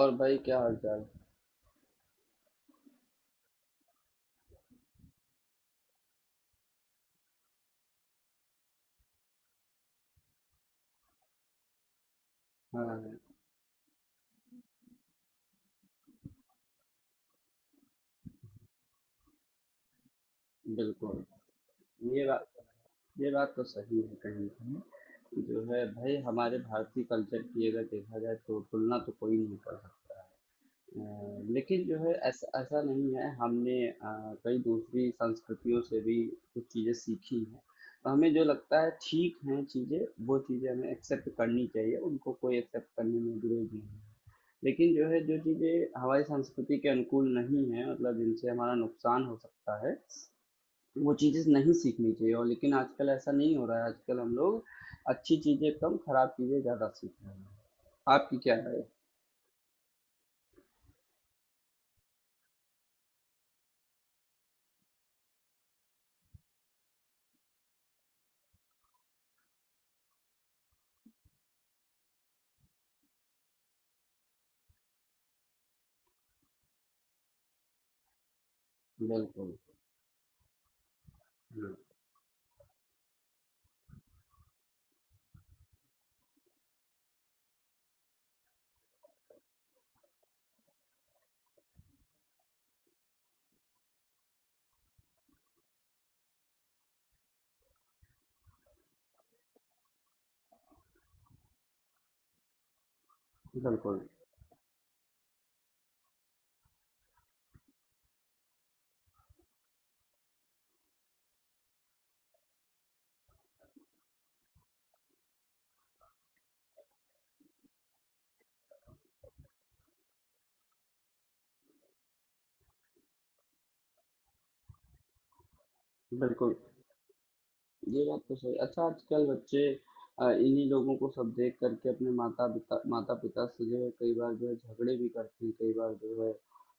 और भाई क्या हाल चाल। हाँ। बिल्कुल। ये बात, ये बात तो सही है कहीं ना कहीं जो है भाई। हमारे भारतीय कल्चर की अगर देखा जाए तो तुलना तो कोई नहीं कर सकता है। लेकिन जो है ऐसा, ऐसा नहीं है हमने कई दूसरी संस्कृतियों से भी कुछ चीज़ें सीखी हैं। तो हमें जो लगता है ठीक हैं चीज़ें, वो चीज़ें हमें एक्सेप्ट करनी चाहिए, उनको कोई एक्सेप्ट करने में विरोध नहीं है। लेकिन जो है, जो चीज़ें हमारी संस्कृति के अनुकूल नहीं है, मतलब जिनसे हमारा नुकसान हो सकता है, वो चीज़ें नहीं सीखनी चाहिए। और लेकिन आजकल ऐसा नहीं हो रहा है, आजकल हम लोग अच्छी चीज़ें कम, खराब चीज़ें ज़्यादा सीख रहे हैं। आपकी क्या राय है? बिल्कुल। हम्म। बिल्कुल। बिल्कुल ये बात तो सही। अच्छा, आजकल बच्चे इन्हीं लोगों को सब देख करके अपने माता पिता, माता पिता से जो है कई बार जो है झगड़े भी करते हैं, कई बार जो है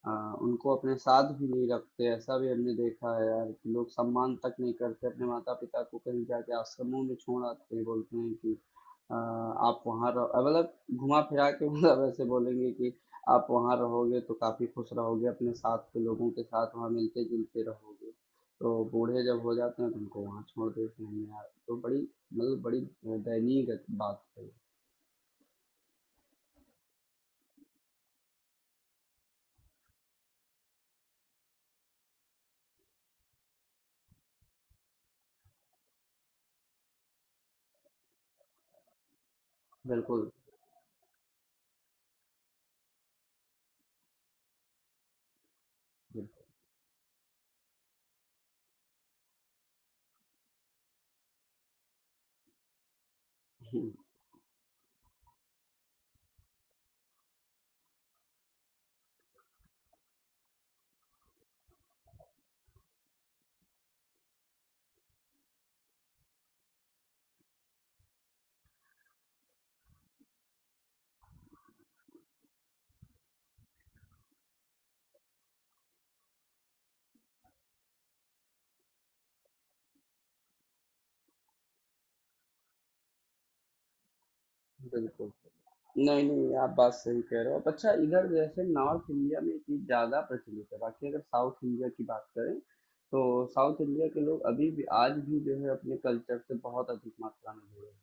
उनको अपने साथ भी नहीं रखते। ऐसा भी हमने देखा है यार कि लोग सम्मान तक नहीं करते अपने माता पिता को, कहीं जाके आश्रमों में छोड़ आते हैं। बोलते हैं कि अ, आप वहाँ रहो, मतलब घुमा फिरा के मतलब ऐसे बोलेंगे कि आप वहाँ रहोगे तो काफी खुश रहोगे, अपने साथ के लोगों के साथ वहाँ मिलते जुलते रहोगे। तो बूढ़े जब हो जाते हैं तो उनको वहाँ छोड़ देते हैं यार। तो बड़ी, मतलब बड़ी दयनीय बात है। बिल्कुल। बिल्कुल। बिल्कुल नहीं नहीं, आप बात सही कह रहे हो। अब अच्छा, इधर जैसे नॉर्थ इंडिया में ये चीज़ ज़्यादा प्रचलित है, बाकी अगर साउथ इंडिया की बात करें तो साउथ इंडिया के लोग अभी भी, आज भी जो है अपने कल्चर से बहुत अधिक मात्रा में जुड़े हैं।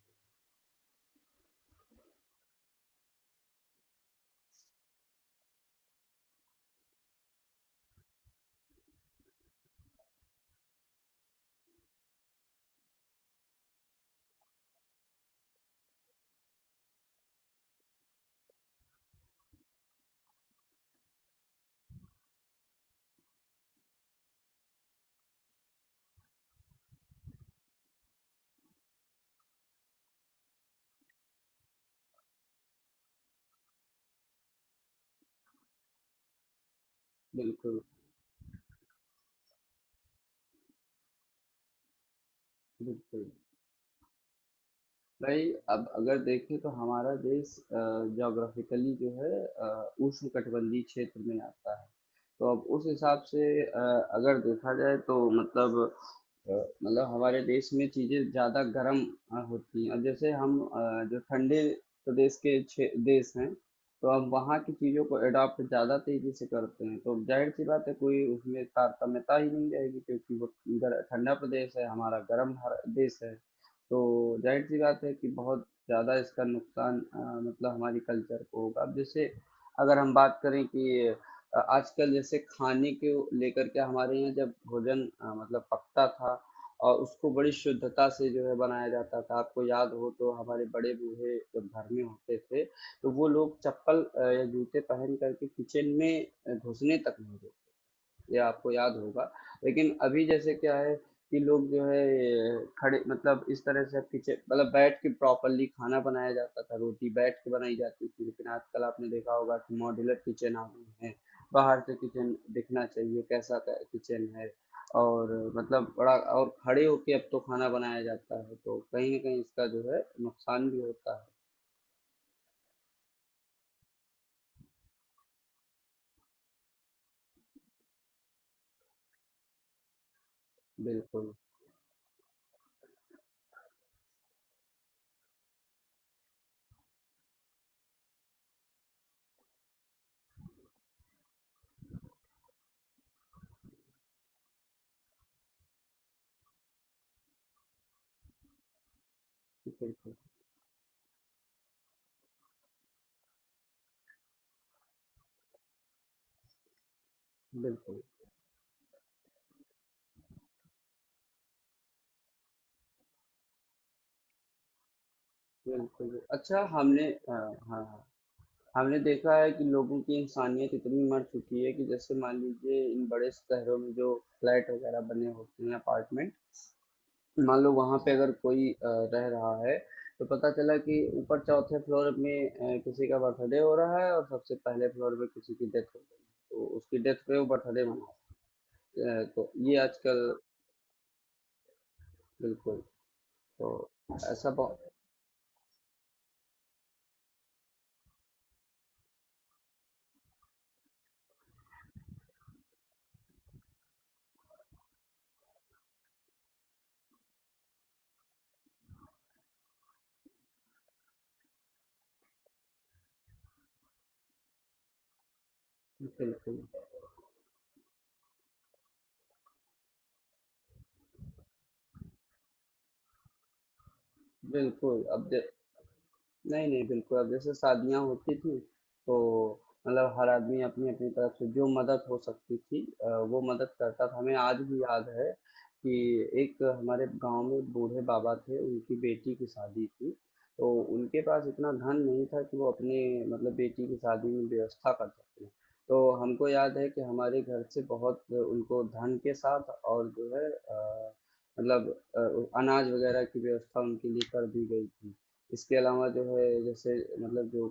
बिल्कुल। बिल्कुल। भाई, अब अगर देखें तो हमारा देश जोग्राफिकली जो है उष्णकटिबंधीय क्षेत्र में आता है। तो अब उस हिसाब से अगर देखा जाए तो मतलब अ, मतलब हमारे देश में चीज़ें ज़्यादा गर्म होती हैं। और जैसे हम जो ठंडे प्रदेश के देश हैं, तो हम वहाँ की चीज़ों को अडॉप्ट ज़्यादा तेज़ी से करते हैं। तो जाहिर सी बात है कोई उसमें तारतम्यता ही नहीं रहेगी, क्योंगर ठंडा प्रदेश है, हमारा गर्म देश है। तो जाहिर सी बात है कि बहुत ज़्यादा इसका नुकसान, मतलब हमारी कल्चर को होगा। अब जैसे अगर हम बात करें कि आजकल जैसे खाने के लेकर के, हमारे यहाँ जब भोजन, मतलब पकता था और उसको बड़ी शुद्धता से जो है बनाया जाता था। आपको याद हो तो हमारे बड़े बूढ़े जब घर में होते थे तो वो लोग चप्पल या जूते पहन करके किचन में घुसने तक नहीं देते। ये आपको याद होगा। लेकिन अभी जैसे क्या है कि लोग जो है ये खड़े, मतलब इस तरह से, अब किचन, मतलब बैठ के प्रॉपरली खाना बनाया जाता था, रोटी बैठ के बनाई जाती थी। लेकिन आजकल आपने देखा होगा कि मॉड्यूलर किचन आ गए हैं, बाहर से किचन दिखना चाहिए कैसा किचन है, और मतलब बड़ा, और खड़े होके अब तो खाना बनाया जाता है। तो कहीं ना कहीं इसका जो है नुकसान भी होता है। बिल्कुल। बिल्कुल। बिल्कुल। बिल्कुल अच्छा। हमने हाँ, हाँ, हाँ। हमने देखा है कि लोगों की इंसानियत इतनी मर चुकी है कि, जैसे मान लीजिए इन बड़े शहरों में जो फ्लैट वगैरह बने होते हैं, अपार्टमेंट, मान लो वहां पे अगर कोई रह रहा है, तो पता चला कि ऊपर चौथे फ्लोर में किसी का बर्थडे हो रहा है और सबसे पहले फ्लोर पे किसी की डेथ हो गई। तो उसकी डेथ पे वो बर्थडे मना, तो ये आजकल। बिल्कुल। तो ऐसा बहुत। बिल्कुल। बिल्कुल अब नहीं नहीं, बिल्कुल। अब जैसे शादियां होती थी तो मतलब हर आदमी अपनी अपनी तरफ से जो मदद हो सकती थी, वो मदद करता था। हमें आज भी याद है कि एक हमारे गांव में एक बूढ़े बाबा थे, उनकी बेटी की शादी थी। तो उनके पास इतना धन नहीं था कि वो अपने, मतलब बेटी की शादी में व्यवस्था कर सकते। तो हमको याद है कि हमारे घर से बहुत उनको धन के साथ और जो है, मतलब अ, अनाज वगैरह की व्यवस्था उनके लिए कर दी गई थी। इसके अलावा जो है जैसे, मतलब जो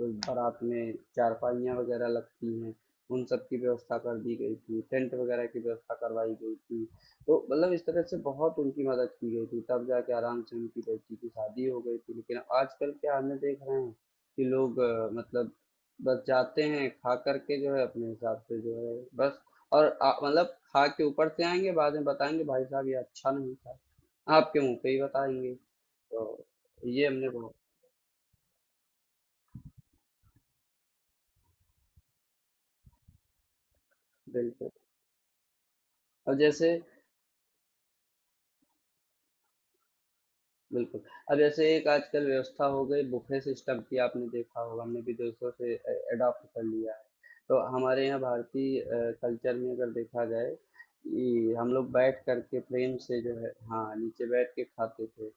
बारात में चारपाइयाँ वगैरह लगती हैं, उन सब की व्यवस्था कर दी गई थी, टेंट वगैरह की व्यवस्था करवाई गई थी। तो मतलब इस तरह से बहुत उनकी मदद की गई थी, तब जाके आराम से उनकी बेटी की शादी हो गई थी। लेकिन आजकल क्या हमने देख रहे हैं कि लोग मतलब बस जाते हैं खा करके जो है अपने हिसाब से, जो है बस, और मतलब खा के ऊपर से आएंगे बाद में बताएंगे भाई साहब, ये अच्छा नहीं था। आपके मुंह पे ही बताएंगे। तो ये हमने बहुत। बिल्कुल। अब जैसे बिल्कुल अब जैसे एक आजकल व्यवस्था हो गई बुफे सिस्टम की, आपने देखा होगा, हमने भी दूसरों से अडॉप्ट कर लिया है। तो हमारे यहाँ भारतीय कल्चर में अगर देखा जाए कि हम लोग बैठ करके प्रेम से जो है, हाँ, नीचे बैठ के खाते थे।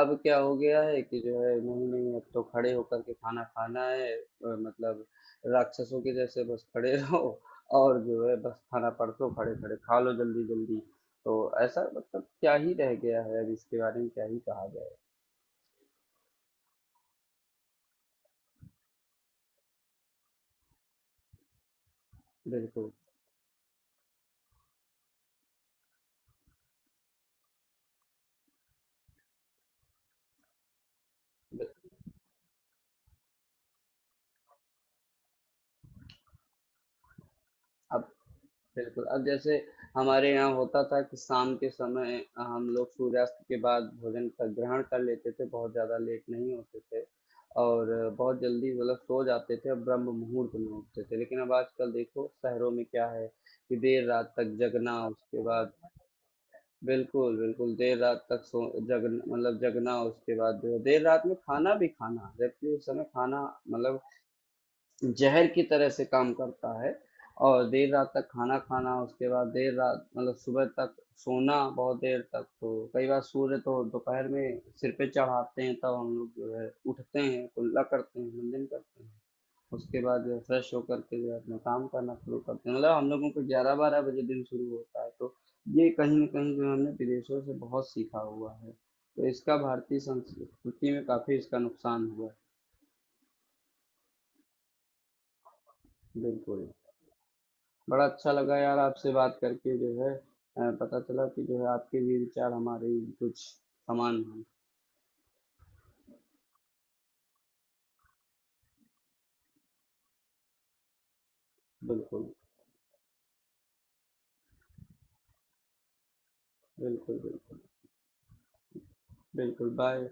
अब क्या हो गया है कि जो है नहीं नहीं, अब तो खड़े होकर के खाना खाना है, मतलब राक्षसों के जैसे बस खड़े रहो और जो है बस खाना परसो, खड़े खड़े खा लो जल्दी जल्दी। तो ऐसा, मतलब क्या ही रह गया है, अब इसके बारे में क्या ही कहा जाए। बिल्कुल। बिल- अब बिल्कुल। अब जैसे हमारे यहाँ होता था कि शाम के समय हम लोग सूर्यास्त के बाद भोजन का ग्रहण कर लेते थे, बहुत ज्यादा लेट नहीं होते थे, और बहुत जल्दी मतलब सो जाते थे, और ब्रह्म मुहूर्त में उठते थे। लेकिन अब आजकल देखो शहरों में क्या है कि देर रात तक जगना, उसके बाद बिल्कुल। बिल्कुल देर रात तक जग मतलब जगना, उसके बाद जो है देर रात में खाना भी खाना, जबकि उस समय खाना, मतलब जहर की तरह से काम करता है। और देर रात तक खाना खाना, उसके बाद देर रात, मतलब सुबह तक सोना, बहुत देर तक। तो कई बार सूर्य तो दोपहर में सिर पे चढ़ाते हैं तब तो हम लोग जो है उठते हैं, कुल्ला करते हैं, मुंडन करते हैं, उसके बाद जो है फ्रेश होकर के जो है अपना काम करना शुरू करते हैं। मतलब हम लोगों को 11 12 बजे दिन शुरू होता है। तो ये कहीं ना कहीं जो है हमने विदेशों से बहुत सीखा हुआ है। तो इसका भारतीय संस्कृति में काफी इसका नुकसान हुआ है। बिल्कुल। बड़ा अच्छा लगा यार आपसे बात करके, जो है पता चला कि जो है आपके भी विचार हमारे ही कुछ समान हैं। बिल्कुल। बिल्कुल। बिल्कुल। बिल्कुल बाय।